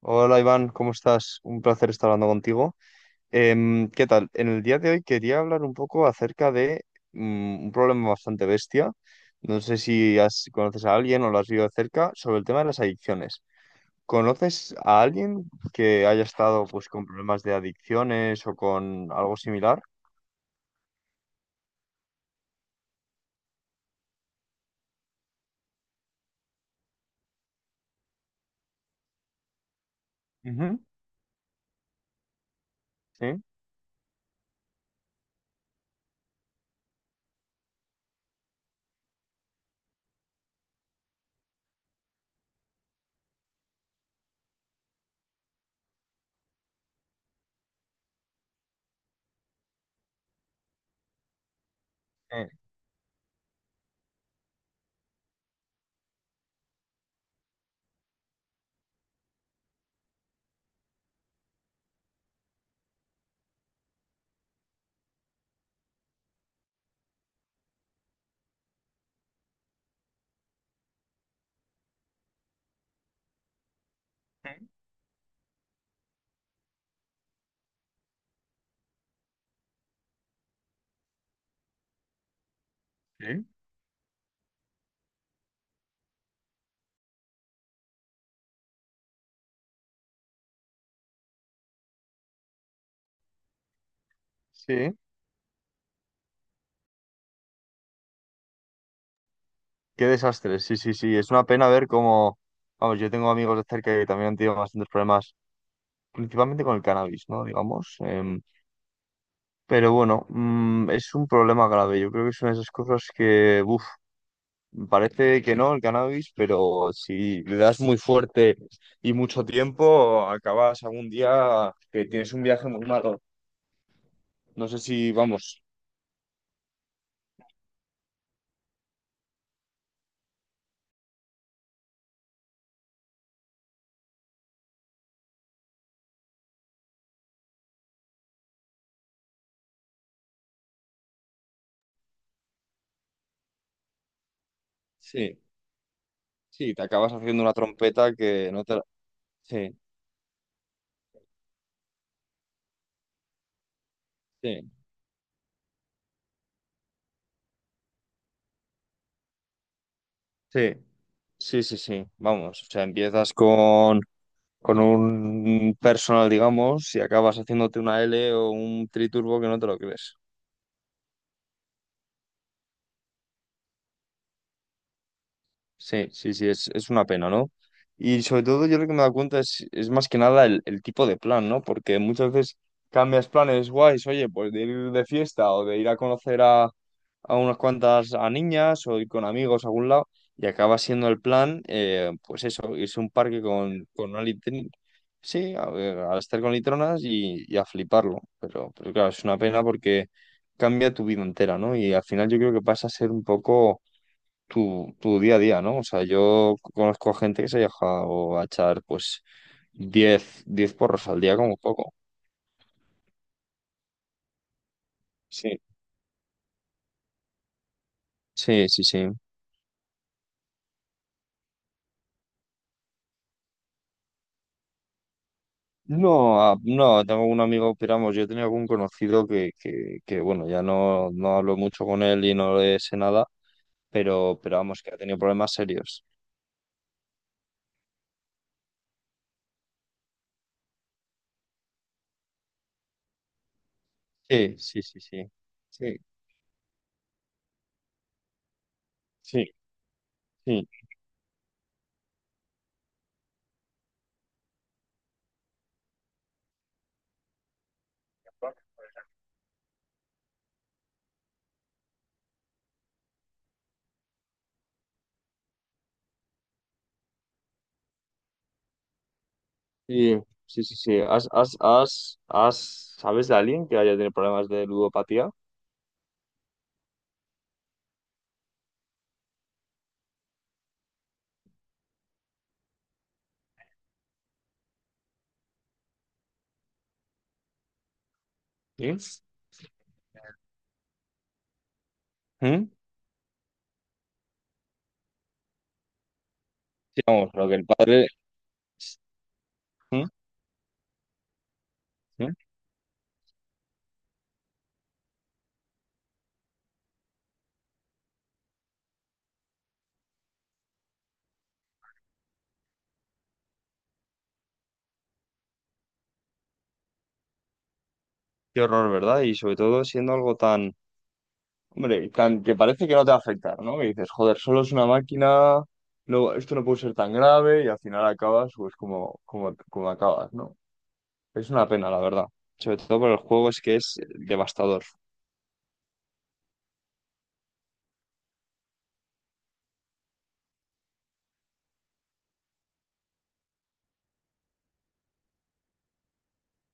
Hola Iván, ¿cómo estás? Un placer estar hablando contigo. ¿Qué tal? En el día de hoy quería hablar un poco acerca de un problema bastante bestia. No sé si conoces a alguien o lo has vivido de cerca sobre el tema de las adicciones. ¿Conoces a alguien que haya estado pues con problemas de adicciones o con algo similar? Ujú. Sí. Eh, Sí. Sí. Qué desastre. Sí, sí, sí. Es una pena ver cómo, vamos, yo tengo amigos de cerca que también han tenido bastantes problemas principalmente con el cannabis, ¿no? Digamos. Pero bueno, es un problema grave. Yo creo que es una de esas cosas que, uff, parece que no, el cannabis, pero si le das muy fuerte y mucho tiempo, acabas algún día que tienes un viaje muy malo. No sé si, vamos, sí, sí, te acabas haciendo una trompeta que no te Sí, sí, sí, sí, sí, sí, vamos. O sea, empiezas con un personal, digamos, y acabas haciéndote una L o un triturbo que no te lo crees. Sí, sí, sí, es una pena, ¿no? Y sobre todo yo lo que me he dado cuenta es más que nada el tipo de plan, ¿no? Porque muchas veces cambias planes guays, oye, pues de ir de fiesta o de ir a conocer a unas cuantas a niñas o ir con amigos a algún lado y acaba siendo el plan, pues eso, irse a un parque con una litrina. Sí, a ver, a estar con litronas y a fliparlo. Pero claro, es una pena porque cambia tu vida entera, ¿no? Y al final yo creo que pasa a ser un poco tu día a día, ¿no? O sea, yo conozco gente que se ha dejado a echar pues diez porros al día como poco. Sí. Sí, sí, sí. No, tengo un amigo, piramos, yo tenía algún conocido bueno, ya no hablo mucho con él y no le sé nada, pero vamos, que ha tenido problemas serios. Sí, sí, sí, sí. Sí, sí, sí. Sí, sí, sí, sí. ¿Sabes de alguien que haya tenido problemas de ludopatía? Sí. ¿Mm? Sí, vamos, lo que el padre. ¿Mm? ¿Mm? Qué horror, ¿verdad? Y sobre todo siendo algo tan, hombre, tan que parece que no te va a afectar, ¿no? Que dices, joder, solo es una máquina, no, esto no puede ser tan grave y al final acabas pues como acabas, ¿no? Es una pena, la verdad. Sobre todo por el juego es que es devastador.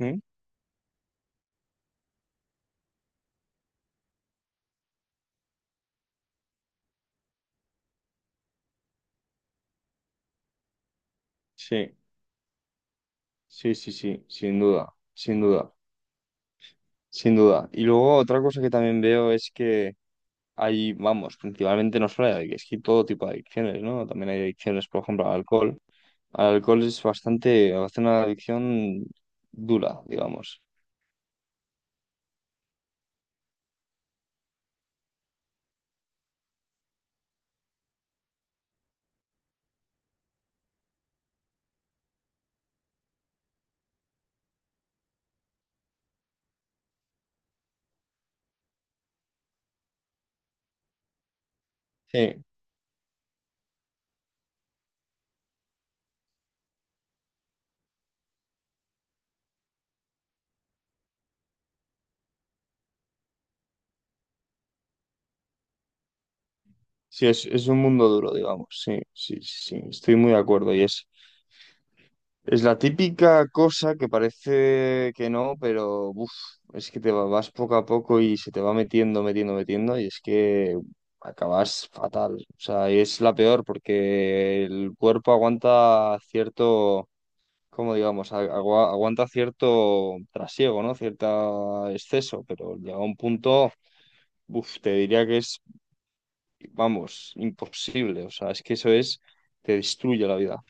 ¿Mm? Sí, sí, sí, sí, sin duda, sin duda, sin duda. Y luego otra cosa que también veo es que hay, vamos, principalmente no solo hay, es que todo tipo de adicciones, ¿no? También hay adicciones, por ejemplo, al alcohol. Al alcohol es bastante, hace una adicción dura, digamos. Sí, sí, es un mundo duro, digamos. Sí, sí, sí, sí, estoy muy de acuerdo. Y es la típica cosa que parece que no, pero uf, es que te vas poco a poco y se te va metiendo, metiendo, metiendo, y es que acabas fatal. O sea, y es la peor porque el cuerpo aguanta cierto, como digamos, aguanta cierto trasiego, ¿no? Cierto exceso, pero llega un punto, uf, te diría que es, vamos, imposible. O sea, es que eso es, te destruye la vida.